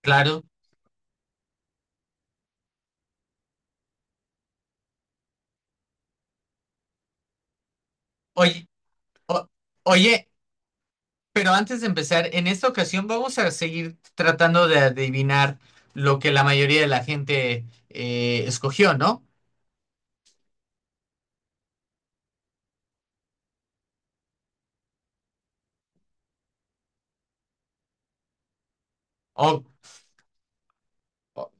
Claro. Oye, o- oye, pero antes de empezar, en esta ocasión vamos a seguir tratando de adivinar lo que la mayoría de la gente escogió, ¿no? O, o-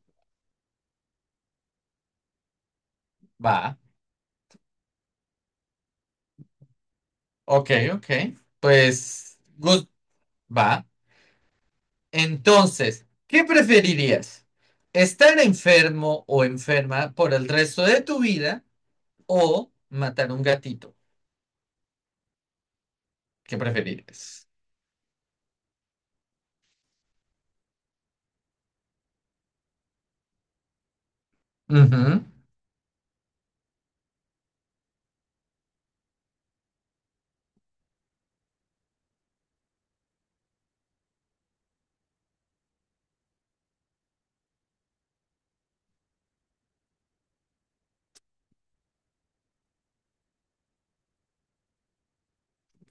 Va. Ok, ok. Pues, va. Entonces, ¿qué preferirías? ¿Estar enfermo o enferma por el resto de tu vida o matar un gatito? ¿Qué preferirías?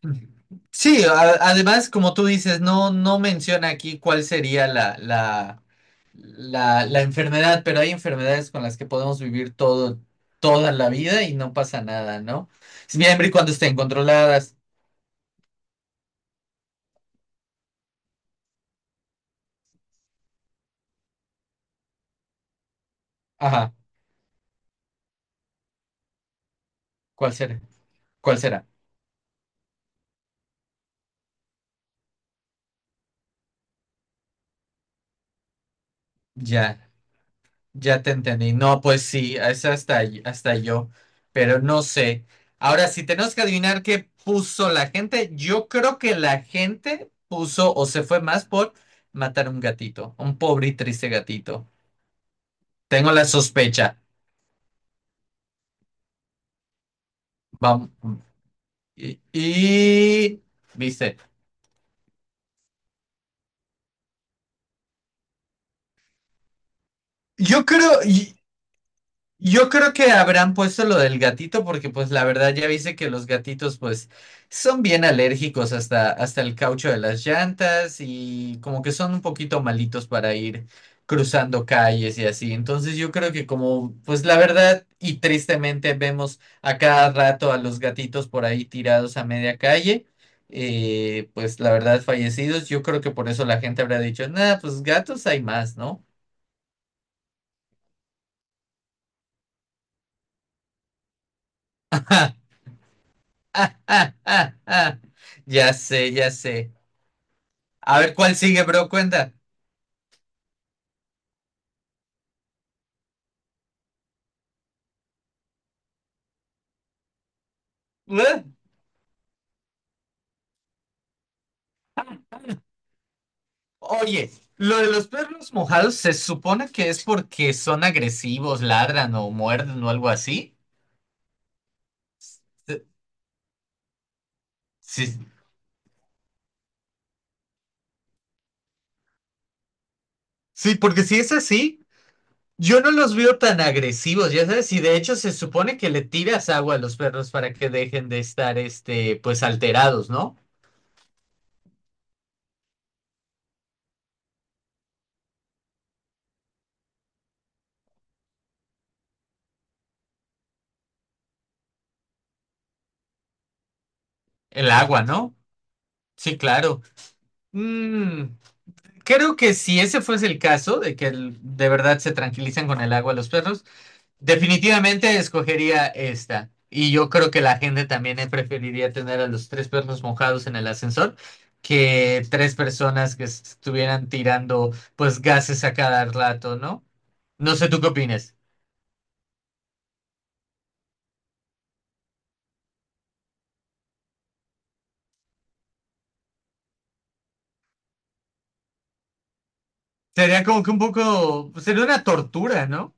Ujú. Sí, además, como tú dices, no, no menciona aquí cuál sería la enfermedad, pero hay enfermedades con las que podemos vivir todo, toda la vida y no pasa nada, ¿no? Siempre y cuando estén controladas. Ajá, ¿cuál será? ¿Cuál será? Ya. Ya te entendí. No, pues sí, es hasta yo, pero no sé. Ahora, si tenemos que adivinar qué puso la gente, yo creo que la gente puso o se fue más por matar un gatito, un pobre y triste gatito. Tengo la sospecha. Vamos. Y, y- Viste. Yo creo. Yo creo que habrán puesto lo del gatito porque pues la verdad ya viste que los gatitos pues son bien alérgicos hasta el caucho de las llantas y como que son un poquito malitos para ir cruzando calles y así. Entonces yo creo que como pues la verdad y tristemente vemos a cada rato a los gatitos por ahí tirados a media calle, pues la verdad fallecidos, yo creo que por eso la gente habrá dicho, nada, pues gatos hay más, ¿no? Ya sé, ya sé. A ver cuál sigue, bro, cuenta. Ugh. Oye, lo de los perros mojados se supone que es porque son agresivos, ladran o muerden o algo así. Eh, Sí, sí, porque si es así, yo no los veo tan agresivos, ya sabes, y de hecho se supone que le tiras agua a los perros para que dejen de estar, este, pues alterados, ¿no? El agua, ¿no? Sí, claro. Mm. Creo que si ese fuese el caso, de que de verdad se tranquilizan con el agua los perros, definitivamente escogería esta. Y yo creo que la gente también preferiría tener a los tres perros mojados en el ascensor que tres personas que estuvieran tirando pues gases a cada rato, ¿no? No sé, ¿tú qué opinas? Sería como que un poco, sería una tortura, ¿no?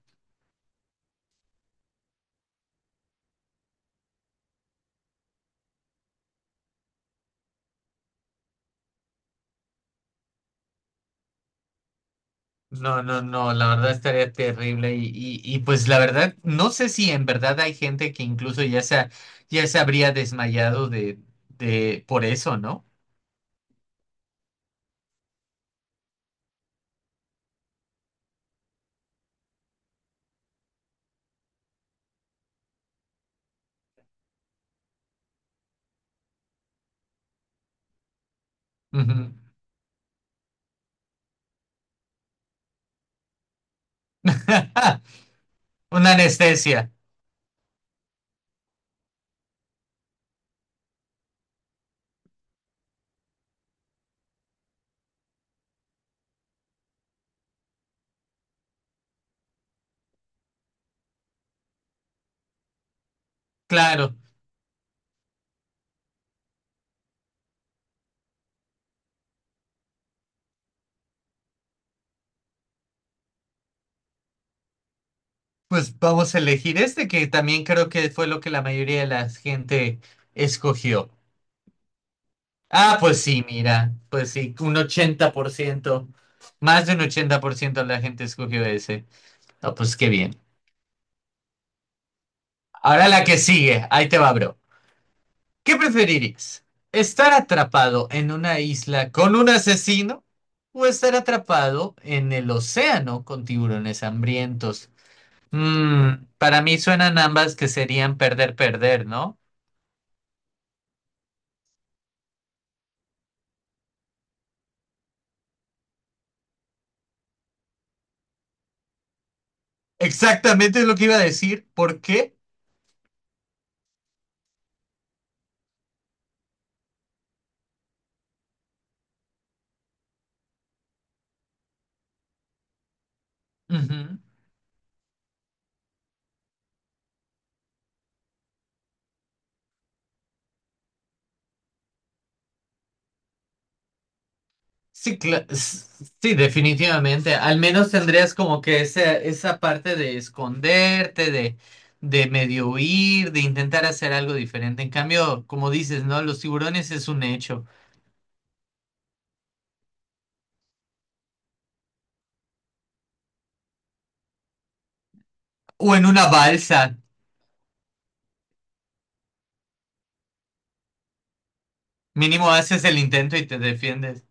No, no, no, la verdad estaría terrible y pues la verdad, no sé si en verdad hay gente que incluso ya se habría desmayado de por eso, ¿no? Ujú. Una anestesia, claro. Pues vamos a elegir este que también creo que fue lo que la mayoría de la gente escogió. Ah, pues sí, mira, pues sí, un ochenta por ciento, más de un 80% de la gente escogió ese. Ah, pues qué bien. Ahora la que sigue, ahí te va, bro. ¿Qué preferirías? ¿Estar atrapado en una isla con un asesino o estar atrapado en el océano con tiburones hambrientos? Mm, para mí suenan ambas que serían perder, perder, ¿no? Exactamente es lo que iba a decir. ¿Por qué? Ujú. Sí, sí, definitivamente. Al menos tendrías como que esa parte de esconderte, de medio huir, de intentar hacer algo diferente. En cambio, como dices, ¿no? Los tiburones es un hecho. O en una balsa. Mínimo haces el intento y te defiendes.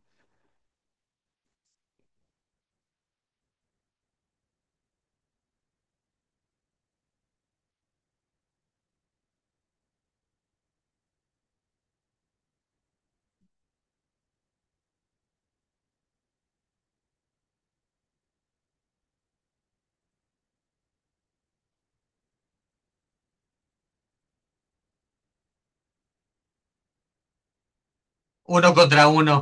Uno contra uno.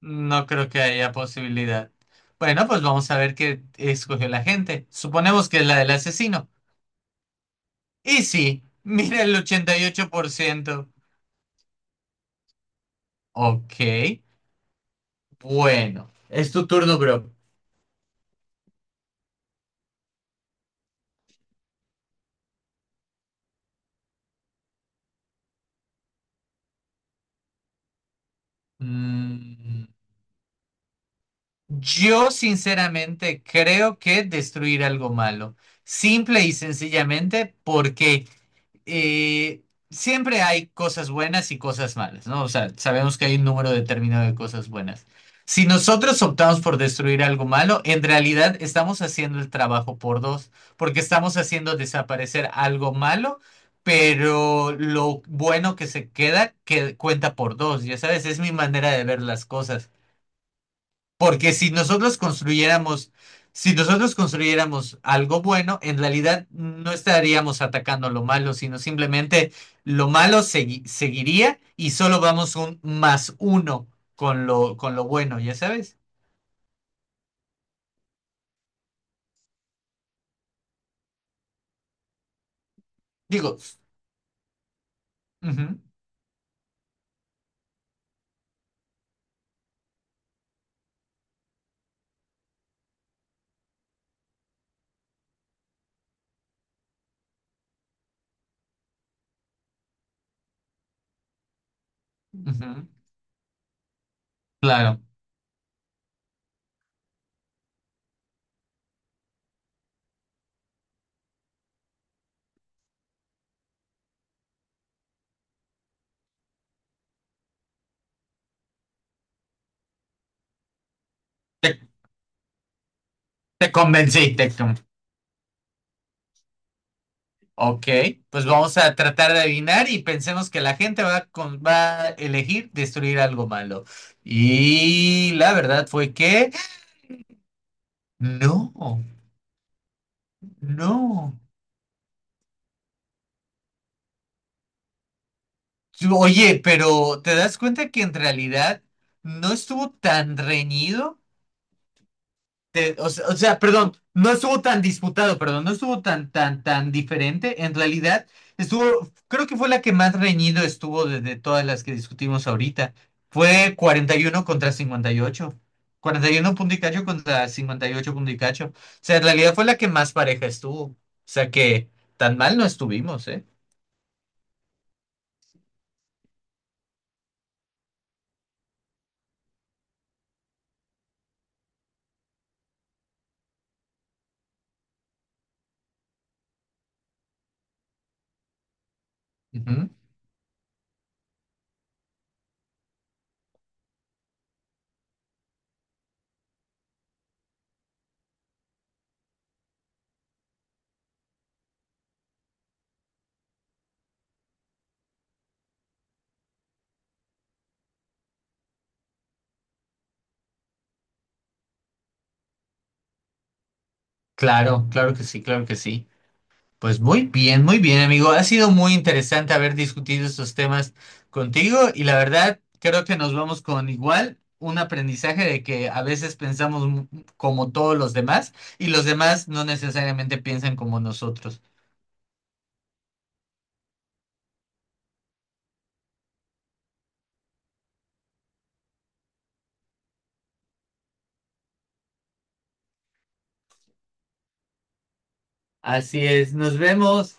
No creo que haya posibilidad. Bueno, pues vamos a ver qué escogió la gente. Suponemos que es la del asesino. Y sí, mira el 88%. Ok. Bueno, es tu turno, bro. Mm, yo sinceramente creo que destruir algo malo. Simple y sencillamente porque eh, siempre hay cosas buenas y cosas malas, ¿no? O sea, sabemos que hay un número determinado de cosas buenas. Si nosotros optamos por destruir algo malo, en realidad estamos haciendo el trabajo por dos, porque estamos haciendo desaparecer algo malo, pero lo bueno que se queda, que cuenta por dos, ya sabes, es mi manera de ver las cosas. Porque si nosotros construyéramos algo bueno, en realidad no estaríamos atacando lo malo, sino simplemente lo malo seguiría y solo vamos un más uno con lo bueno, ¿ya sabes? Digo, ujú, ujú, claro. Te, te convencí. Ok, pues vamos a tratar de adivinar y pensemos que la gente va a elegir destruir algo malo. Y la verdad fue que no. No. Oye, pero ¿te das cuenta que en realidad no estuvo tan reñido? O sea, perdón, no estuvo tan disputado, perdón, no estuvo tan, tan, tan diferente. En realidad estuvo, creo que fue la que más reñido estuvo de todas las que discutimos ahorita. Fue 41 contra cincuenta y 41 punto y cacho contra 58 punto y cacho. O sea, en realidad fue la que más pareja estuvo. O sea que tan mal no estuvimos, ¿eh? Ujú. Claro, claro que sí, claro que sí. Pues muy bien, amigo. Ha sido muy interesante haber discutido estos temas contigo y la verdad creo que nos vamos con igual un aprendizaje de que a veces pensamos como todos los demás y los demás no necesariamente piensan como nosotros. Así es, nos vemos.